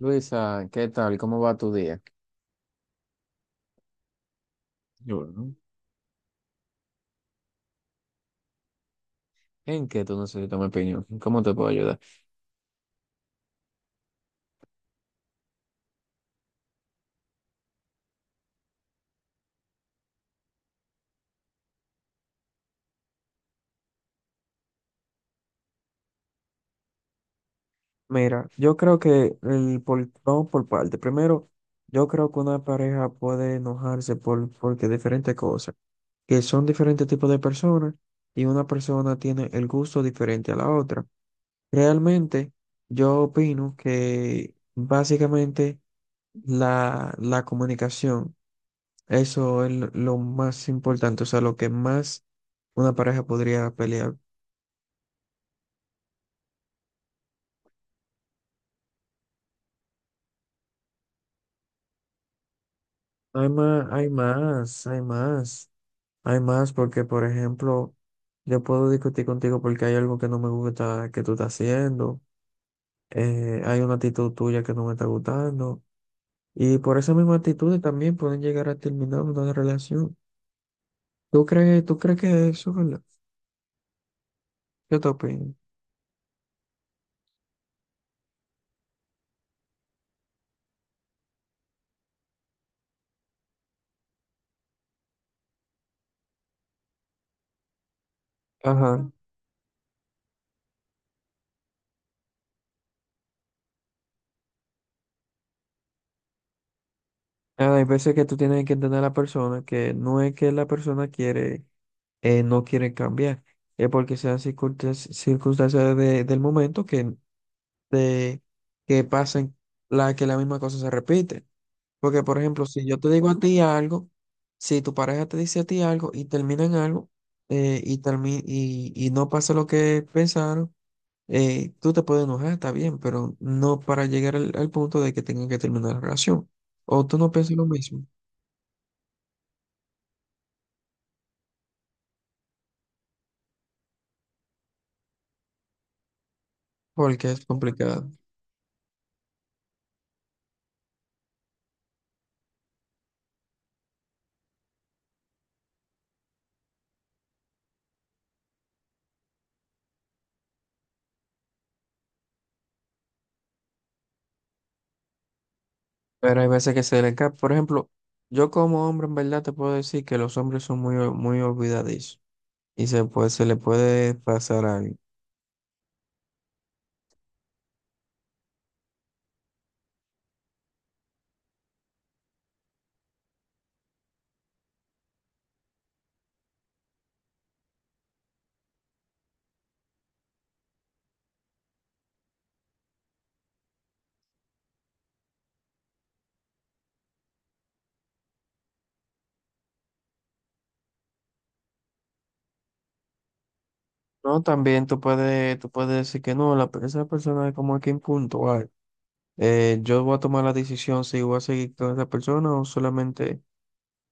Luisa, ¿qué tal? ¿Cómo va tu día? Y bueno, ¿en qué tú necesitas mi opinión? ¿Cómo te puedo ayudar? Mira, yo creo que vamos por parte. Primero, yo creo que una pareja puede enojarse porque diferentes cosas, que son diferentes tipos de personas y una persona tiene el gusto diferente a la otra. Realmente, yo opino que básicamente la comunicación. Eso es lo más importante, o sea, lo que más una pareja podría pelear. Hay más, hay más, hay más, hay más, porque por ejemplo, yo puedo discutir contigo porque hay algo que no me gusta que tú estás haciendo. Hay una actitud tuya que no me está gustando, y por esa misma actitud también pueden llegar a terminar una relación. ¿Tú crees que eso es verdad? ¿Qué te opinas? Ajá. Ah, hay veces que tú tienes que entender a la persona, que no es que la persona quiere, no quiere cambiar, es porque sean circunstancias, del momento que, de, que pasen que la misma cosa se repite. Porque, por ejemplo, si yo te digo a ti algo, si tu pareja te dice a ti algo y terminan algo, y no pasa lo que pensaron. Tú te puedes enojar, está bien, pero no para llegar al punto de que tengan que terminar la relación. ¿O tú no piensas lo mismo? Porque es complicado. Pero hay veces que se le cae. Por ejemplo, yo como hombre, en verdad te puedo decir que los hombres son muy, muy olvidadizos y se le puede pasar algo. No, también tú puedes decir que no, esa persona es como que impuntual. Yo voy a tomar la decisión si voy a seguir con esa persona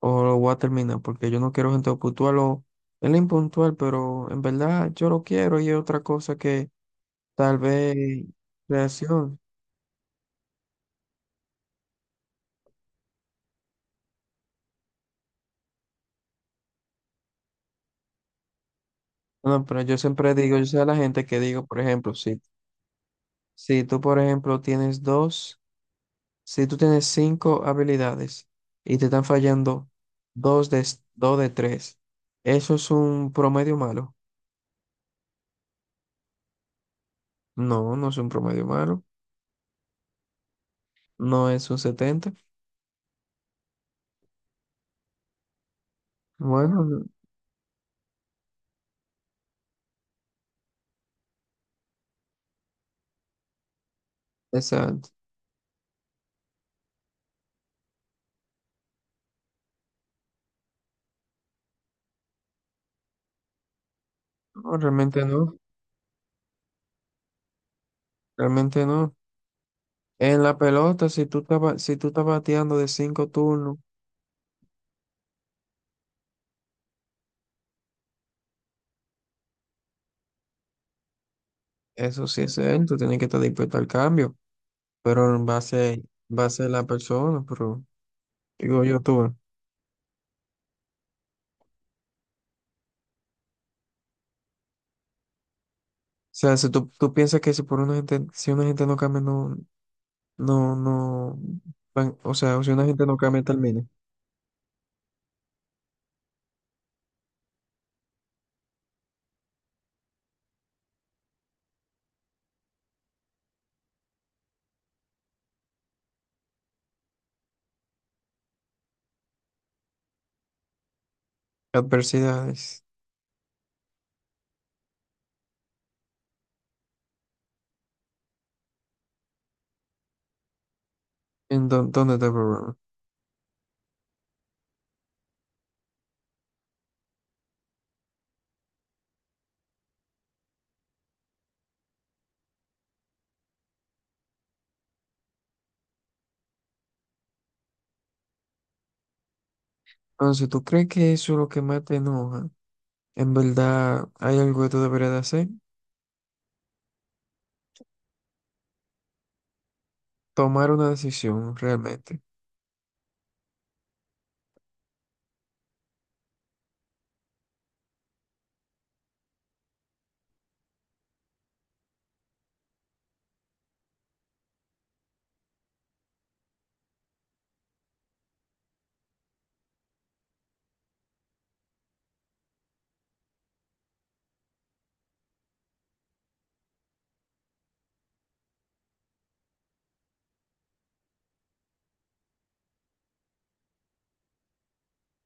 o lo voy a terminar, porque yo no quiero gente puntual, o él es impuntual, pero en verdad yo lo quiero y es otra cosa que tal vez reaccione. No, pero yo siempre digo, yo sé a la gente que digo, por ejemplo, si tú, por ejemplo, si tú tienes cinco habilidades y te están fallando dos de tres, ¿eso es un promedio malo? No, no es un promedio malo, no es un 70. Bueno, no, exacto. No, realmente no, realmente no. En la pelota, si tú estás bateando de cinco turnos, eso sí es él, tú tienes que estar dispuesto al cambio. Pero en base a la persona, pero digo yo tú. O sea, si tú piensas que si una gente no cambia, no, no, no, o sea, si una gente no cambia, termina. Adversidades. ¿Dónde está el problema? Entonces, ¿si tú crees que eso es lo que más te enoja? En verdad, hay algo que tú deberías de hacer. Tomar una decisión, realmente.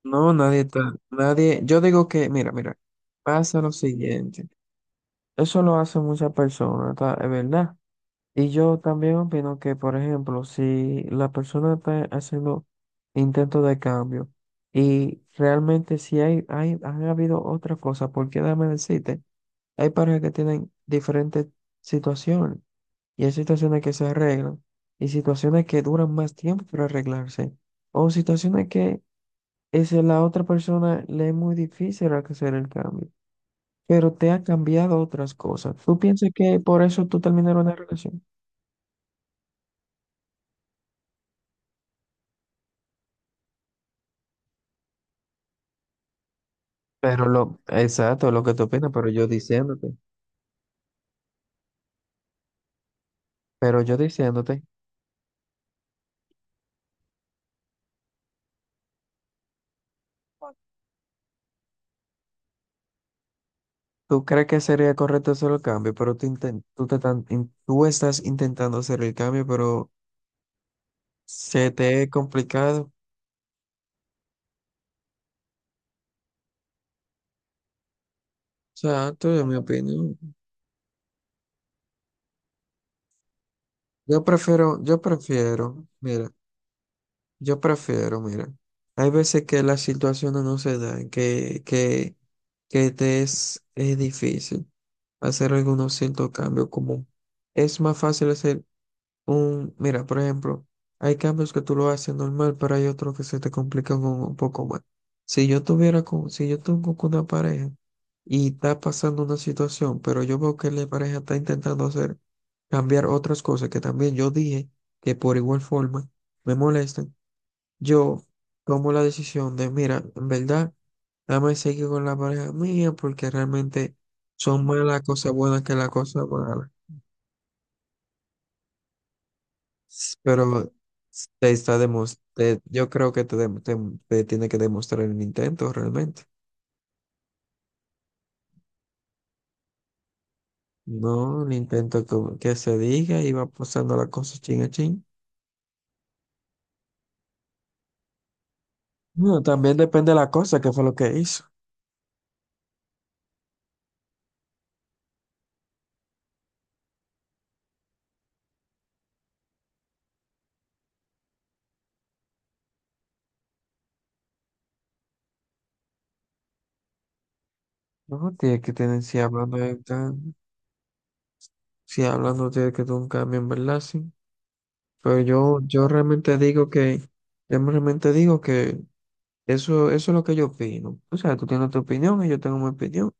No, nadie está, nadie, yo digo que, mira, mira, pasa lo siguiente. Eso lo hacen muchas personas, ¿tá? Es verdad. Y yo también opino que, por ejemplo, si la persona está haciendo intentos de cambio y realmente si han habido otras cosas, porque déjame decirte, hay parejas que tienen diferentes situaciones, y hay situaciones que se arreglan y situaciones que duran más tiempo para arreglarse, o situaciones que es la otra persona le es muy difícil hacer el cambio, pero te ha cambiado otras cosas. ¿Tú piensas que por eso tú terminaron una relación? Pero lo, exacto, lo que tú opinas, pero yo diciéndote, tú crees que sería correcto hacer el cambio, pero tú, inten- tú, te tan- in- tú estás intentando hacer el cambio, pero se te es complicado. Exacto, es mi opinión. Yo prefiero, yo prefiero, mira, yo prefiero, mira, hay veces que las situaciones no se dan, que, es difícil hacer algunos ciertos cambios, como es más fácil hacer mira, por ejemplo, hay cambios que tú lo haces normal, pero hay otros que se te complican un poco más. Si yo tengo con una pareja y está pasando una situación, pero yo veo que la pareja está intentando hacer cambiar otras cosas que también yo dije que por igual forma me molestan, yo tomo la decisión de, mira, en verdad, dame seguir con la pareja mía porque realmente son más las cosas buenas que las cosas malas. Pero s- te está demos- te- yo creo que te tiene que demostrar el intento realmente. No el intento que, se diga y va pasando la cosa chin a chin. Bueno, también depende de la cosa, que fue lo que hizo. No, tiene que tener, si hablando tiene que tener un cambio en verdad, sí. Pero yo, realmente digo que, yo realmente digo que eso, es lo que yo opino. O sea, tú tienes tu opinión y yo tengo mi opinión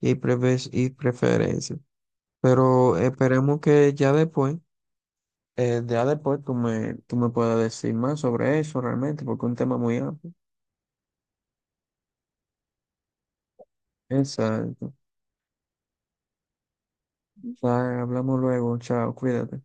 y preferencia. Pero esperemos que ya después tú me puedas decir más sobre eso realmente, porque es un tema muy amplio. Exacto. O sea, hablamos luego. Chao, cuídate.